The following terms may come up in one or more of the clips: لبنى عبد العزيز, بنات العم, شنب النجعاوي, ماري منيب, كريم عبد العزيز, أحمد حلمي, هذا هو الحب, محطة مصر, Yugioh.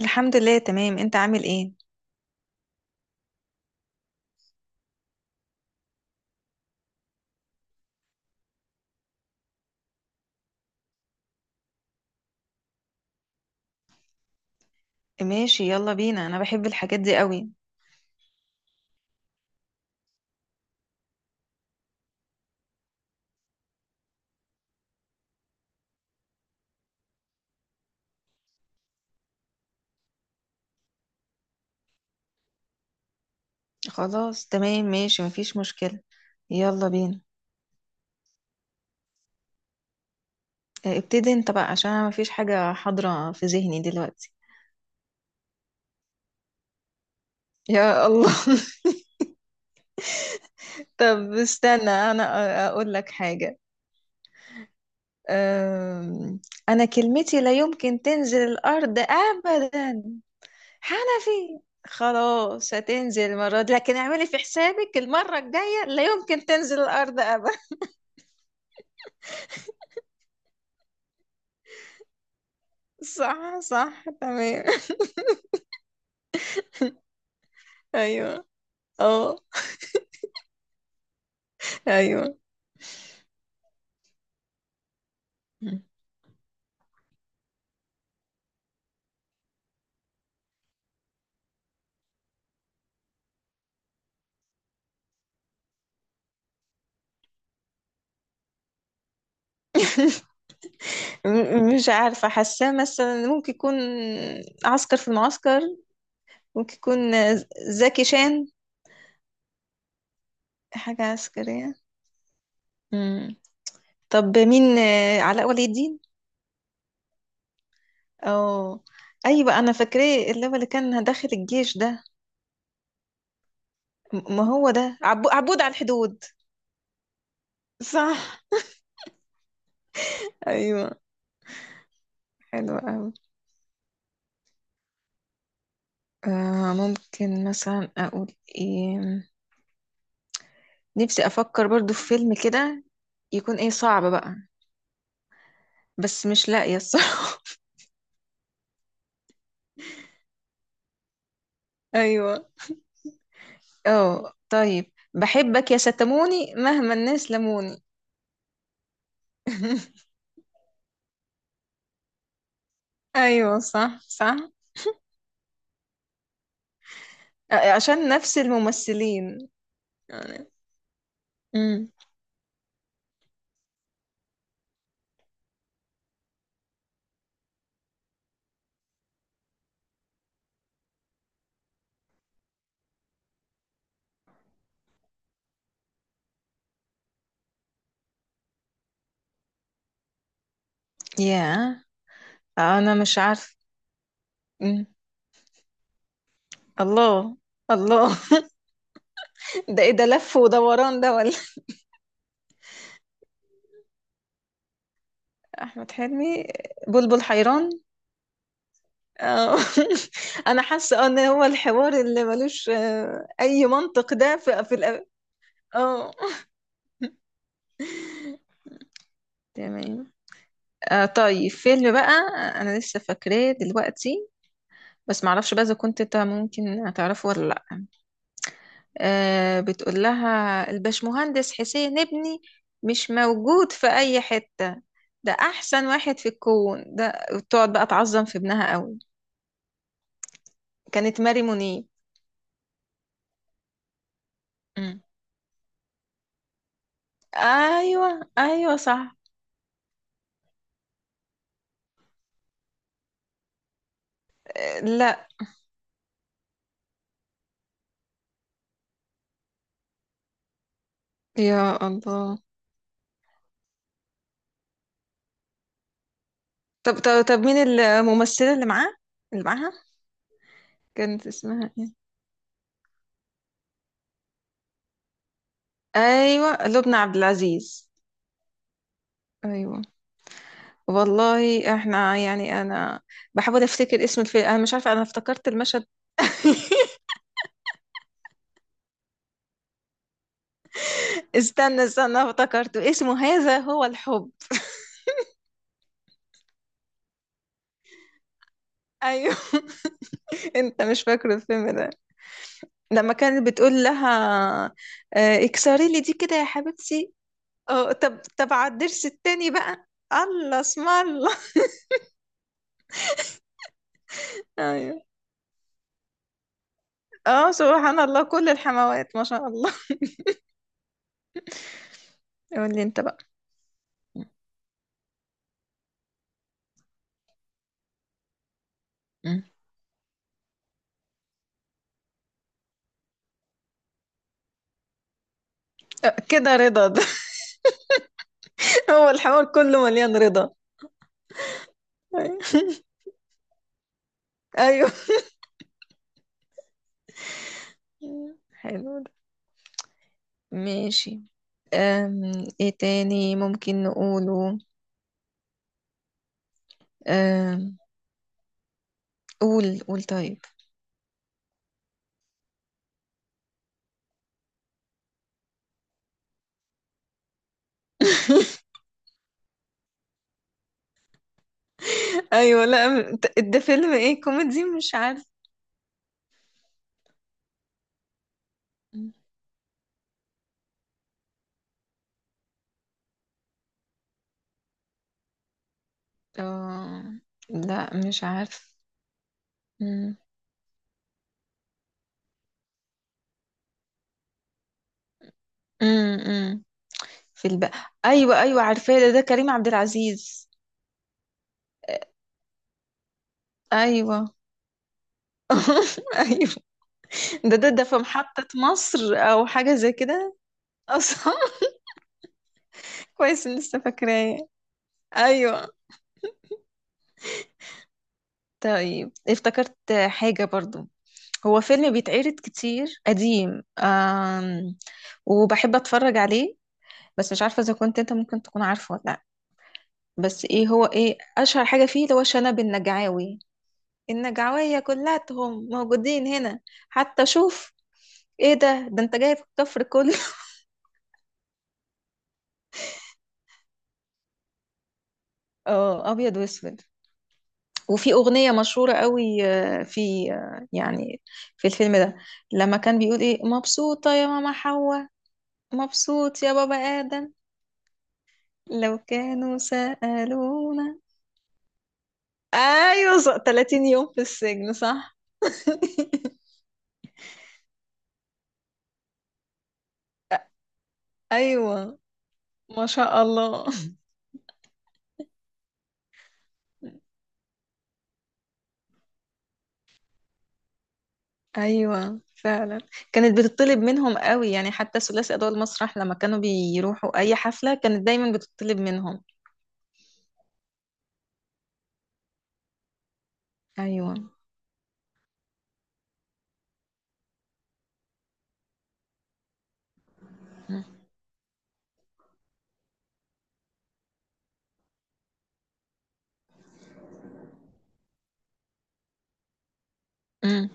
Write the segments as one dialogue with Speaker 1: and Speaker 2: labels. Speaker 1: الحمد لله، تمام. انت عامل ايه؟ ماشي، يلا بينا. انا بحب الحاجات دي قوي. خلاص، تمام، ماشي، مفيش مشكلة. يلا بينا. اه، ابتدي انت بقى عشان انا مفيش حاجة حاضرة في ذهني دلوقتي. يا الله. طب استنى، انا اقول لك حاجة. أم، انا كلمتي لا يمكن تنزل الارض ابدا. حنفي. خلاص، هتنزل المرة دي، لكن اعملي في حسابك المرة الجاية لا يمكن تنزل الارض ابدا. صح، صح، تمام. ايوه، اه، ايوه. مش عارفة، حاساه مثلا ممكن يكون عسكر في المعسكر. ممكن يكون زكي شان. حاجة عسكرية. مم. طب مين؟ علاء ولي الدين. اه، ايوه، انا فاكراه، اللي هو اللي كان داخل الجيش ده. ما هو ده عبو عبود على الحدود. صح. ايوه. حلو قوي. آه، ممكن مثلا اقول ايه؟ نفسي افكر برضو في فيلم كده يكون صعب بقى، بس مش لاقية الصراحة. أيوة. اه، طيب، بحبك يا شتموني مهما الناس لموني. أيوة، صح، صح. عشان نفس الممثلين يعني. امم. يا، أنا مش عارف. مم. الله. الله. ده إيه ده، لف ودوران ده ولا؟ أحمد حلمي. بلبل حيران. اه. أنا حاسة إن هو الحوار اللي ملوش أي منطق ده، اه. تمام. آه، طيب فيلم بقى، انا لسه فاكراه دلوقتي، بس معرفش بقى اذا كنت انت ممكن هتعرفه ولا لا. آه، بتقول لها الباشمهندس حسين ابني مش موجود في اي حتة، ده احسن واحد في الكون ده. تقعد بقى تعظم في ابنها قوي. كانت ماري منيب. مم. ايوه، ايوه، صح. آه، لا. يا الله. طب، طب، طب مين الممثلة اللي معاه، اللي معاها؟ كانت اسمها ايه؟ ايوه، لبنى عبد العزيز. ايوه. والله احنا يعني، انا بحاول افتكر اسم الفيلم، انا مش عارفه، انا افتكرت المشهد. استنى، استنى، أنا افتكرته، اسمه هذا هو الحب. ايوه. انت مش فاكره الفيلم ده؟ لما كانت بتقول لها اكسري لي دي كده يا حبيبتي. اه، طب، طب على الضرس التاني بقى. الله، اسم الله. ايوه. اه، سبحان الله، كل الحموات ما شاء الله. قول لي انت بقى. مم. كده رضا ده؟ هو الحوار كله مليان رضا. ايوه. أيوة. حلو ده. ماشي. أم... ايه تاني ممكن نقوله؟ أم... قول، قول طيب. ايوه، لا، ده فيلم ايه؟ كوميدي؟ مش عارف. اه، لا، مش عارف. مم. مم. مم. في الب... ايوه، ايوه، عارفاه ده، ده كريم عبد العزيز. ايوه. ايوه. ده، في محطة مصر او حاجة زي كده اصلا. كويس إني لسه فاكراه. ايوه. طيب، افتكرت حاجة برضو. هو فيلم بيتعرض كتير، قديم، وبحب اتفرج عليه، بس مش عارفة اذا كنت انت ممكن تكون عارفه ولا لا. بس ايه، هو ايه اشهر حاجة فيه، اللي هو شنب النجعاوي. النجعوية كلاتهم موجودين هنا. حتى شوف. ايه ده، ده انت جايب الكفر كله. اه، ابيض واسود. وفي اغنية مشهورة قوي، آه، في آه، يعني في الفيلم ده، لما كان بيقول ايه، مبسوطة يا ماما حواء، مبسوط يا بابا آدم، لو كانوا سألونا. أيوة، 30 يوم في السجن، صح. أيوة. ما شاء الله. أيوة فعلا. كانت بتطلب منهم قوي يعني، حتى ثلاثي أضواء المسرح لما كانوا بيروحوا أي حفلة كانت دايما بتطلب منهم. أيوة. م- م.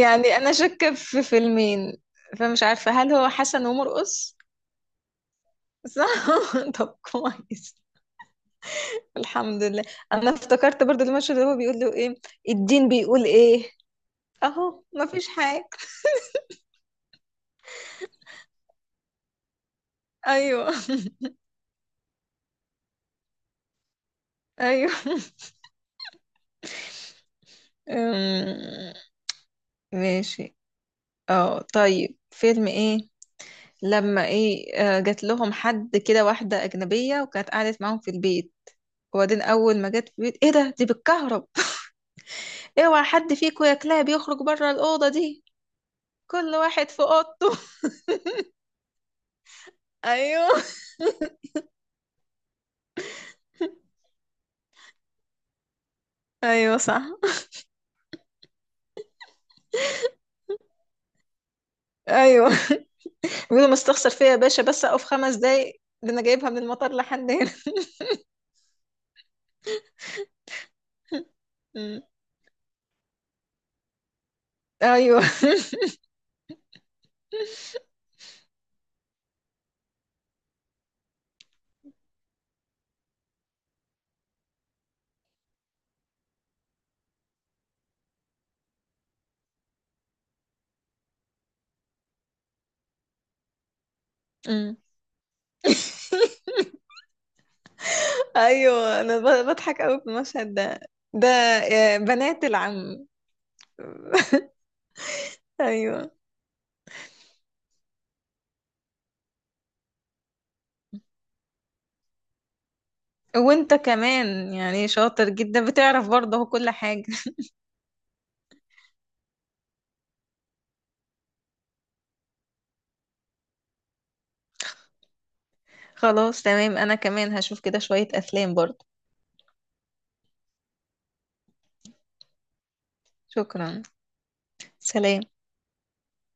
Speaker 1: يعني أنا شاكة في فيلمين، فمش عارفة هل هو حسن ومرقص؟ صح. طب كويس، الحمد لله. انا افتكرت برضو المشهد اللي هو بيقول له ايه، الدين بيقول ايه، اهو مفيش حاجة. ايوه. ايوه. أم، ماشي. اه، طيب فيلم ايه، لما ايه، جات لهم حد كده، واحدة أجنبية، وكانت قعدت معاهم في البيت، وبعدين أول ما جت في البيت، ايه ده، دي بتكهرب، اوعى حد فيكم يا كلاب يخرج بره الأوضة دي، كل واحد في أوضته. ايوه، ايوه، صح. ايوه، يقولوا مستخسر فيا يا باشا؟ بس أقف خمس دقايق، ده أنا جايبها من المطار لحد هنا. أمم. أيوه. أمم. أيوه، بضحك أوي في المشهد ده، ده بنات العم. أيوه. وانت كمان يعني شاطر جدا، بتعرف برضه هو كل حاجة. خلاص تمام، انا كمان هشوف كده شوية افلام برضه. شكرا. سلام.